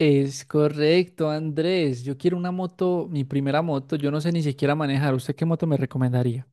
Es correcto, Andrés. Yo quiero una moto, mi primera moto. Yo no sé ni siquiera manejar. ¿Usted qué moto me recomendaría?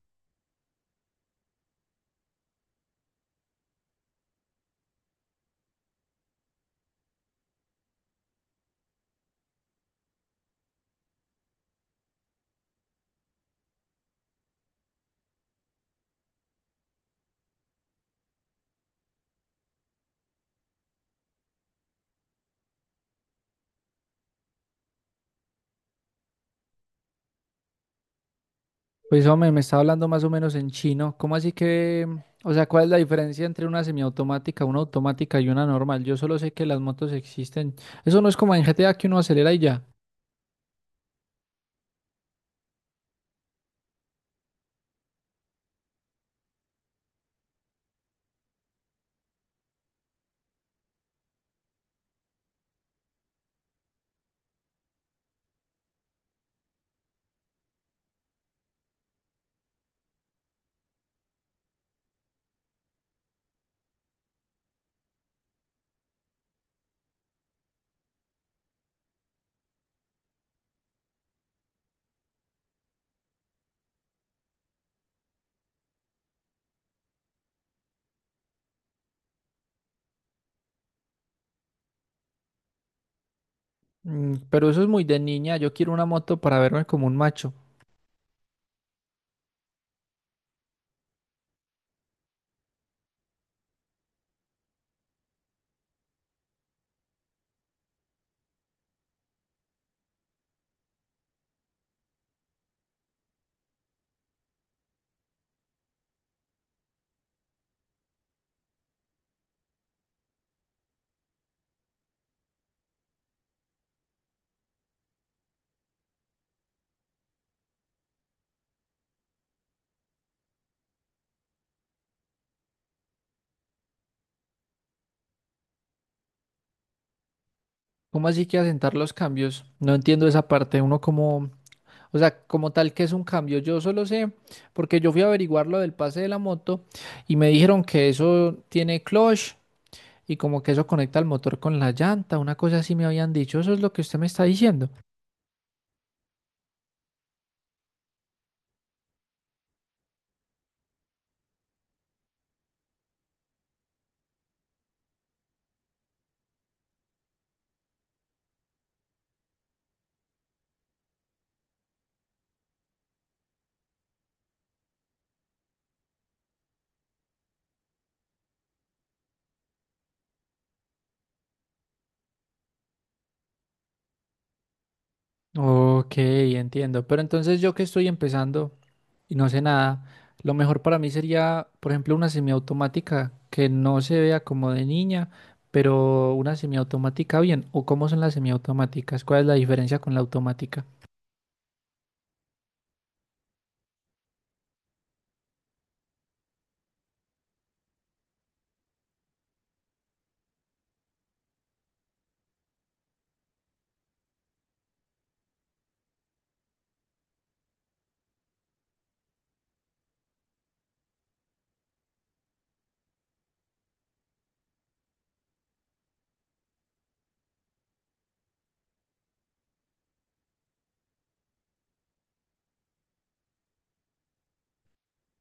Pues hombre, me está hablando más o menos en chino. ¿Cómo así que, o sea, cuál es la diferencia entre una semiautomática, una automática y una normal? Yo solo sé que las motos existen. Eso no es como en GTA que uno acelera y ya. Mm, pero eso es muy de niña. Yo quiero una moto para verme como un macho. ¿Cómo así que asentar los cambios? No entiendo esa parte. Uno como O sea, como tal, que es un cambio? Yo solo sé, porque yo fui a averiguar lo del pase de la moto y me dijeron que eso tiene clutch y como que eso conecta el motor con la llanta, una cosa así me habían dicho. Eso es lo que usted me está diciendo. Ok, entiendo. Pero entonces yo, que estoy empezando y no sé nada, lo mejor para mí sería, por ejemplo, una semiautomática que no se vea como de niña, pero una semiautomática bien. ¿O cómo son las semiautomáticas? ¿Cuál es la diferencia con la automática?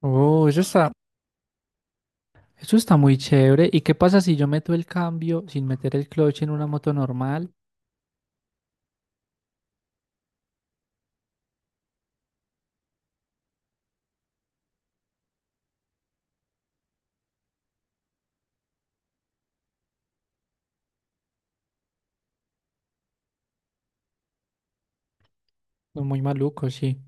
Oh, eso está muy chévere. ¿Y qué pasa si yo meto el cambio sin meter el clutch en una moto normal? No, muy maluco, sí.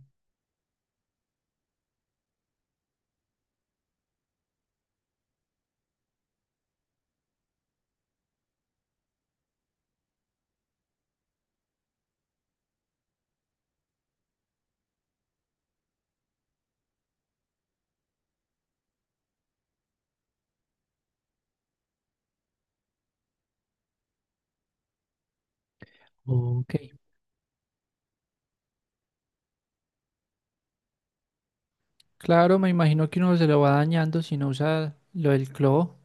Ok. Claro, me imagino que uno se lo va dañando si no usa lo del clo.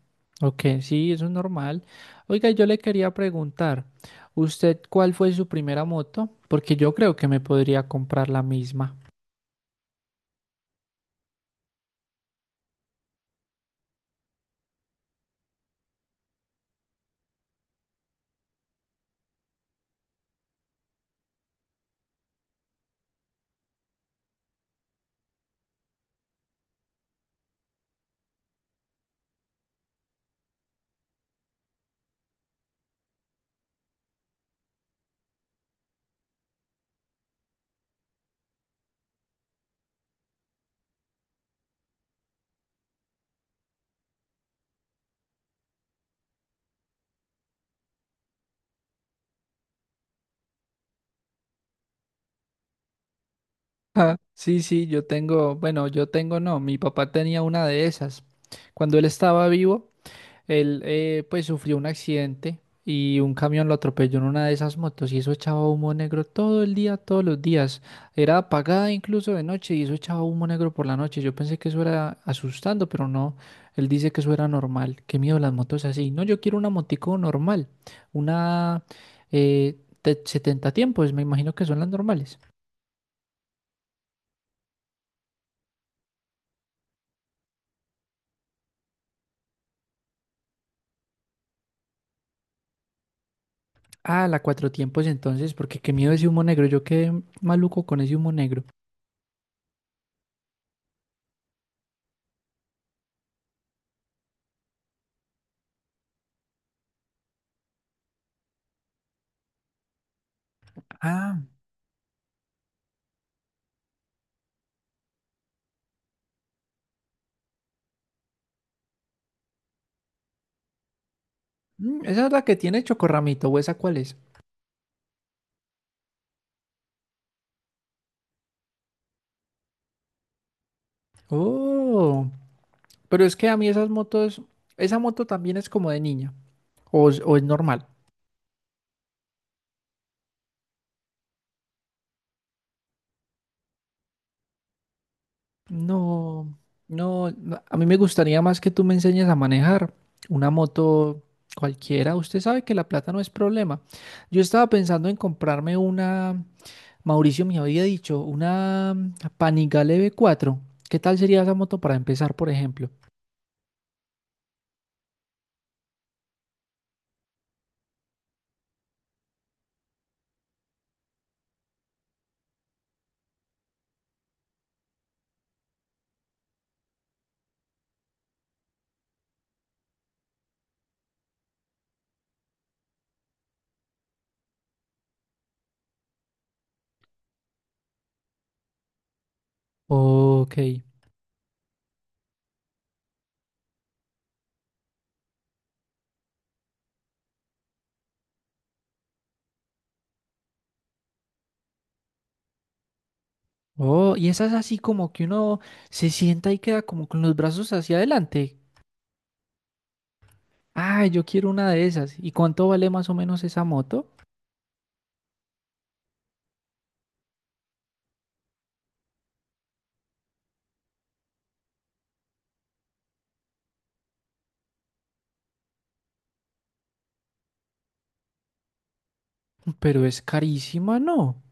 Ok, sí, eso es normal. Oiga, yo le quería preguntar, ¿usted cuál fue su primera moto? Porque yo creo que me podría comprar la misma. Ah, sí, sí, yo tengo, bueno, yo tengo no, mi papá tenía una de esas. Cuando él estaba vivo, él pues sufrió un accidente y un camión lo atropelló en una de esas motos, y eso echaba humo negro todo el día, todos los días. Era apagada incluso de noche y eso echaba humo negro por la noche. Yo pensé que eso era asustando, pero no. Él dice que eso era normal. Qué miedo las motos así. No, yo quiero una motico normal. Una eh, de 70 tiempos, me imagino que son las normales. Ah, la cuatro tiempos entonces, porque qué miedo ese humo negro. Yo quedé maluco con ese humo negro. Mm, esa es la que tiene chocorramito, ¿o esa cuál es? Oh, pero es que a mí esas motos, esa moto también es como de niña, o es normal. No, no, no, a mí me gustaría más que tú me enseñes a manejar una moto cualquiera. Usted sabe que la plata no es problema. Yo estaba pensando en comprarme una, Mauricio me había dicho, una Panigale V4. ¿Qué tal sería esa moto para empezar, por ejemplo? Ok. Oh, y esa es así como que uno se sienta y queda como con los brazos hacia adelante. Ah, yo quiero una de esas. ¿Y cuánto vale más o menos esa moto? Pero es carísima, ¿no?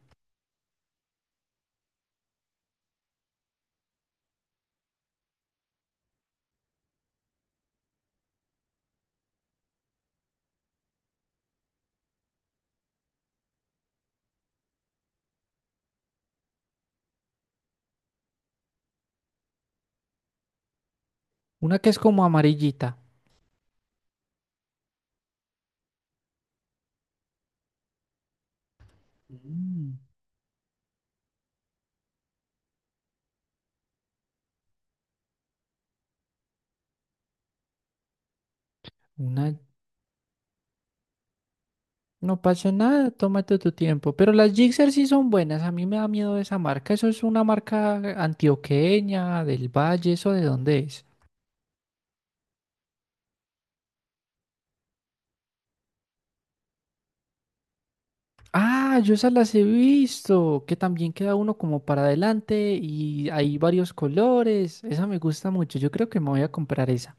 Una que es como amarillita. Mm. Una, no pasa nada, tómate tu tiempo. Pero las Gixxer sí son buenas, a mí me da miedo esa marca. Eso es una marca antioqueña, del Valle, ¿eso de dónde es? Ah, yo esas las he visto, que también queda uno como para adelante y hay varios colores. Esa me gusta mucho. Yo creo que me voy a comprar esa.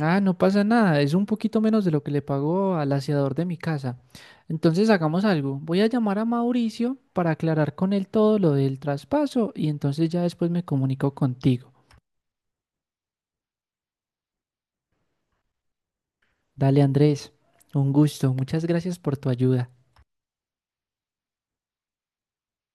Ah, no pasa nada. Es un poquito menos de lo que le pagó al aseador de mi casa. Entonces hagamos algo. Voy a llamar a Mauricio para aclarar con él todo lo del traspaso y entonces ya después me comunico contigo. Dale, Andrés. Un gusto. Muchas gracias por tu ayuda.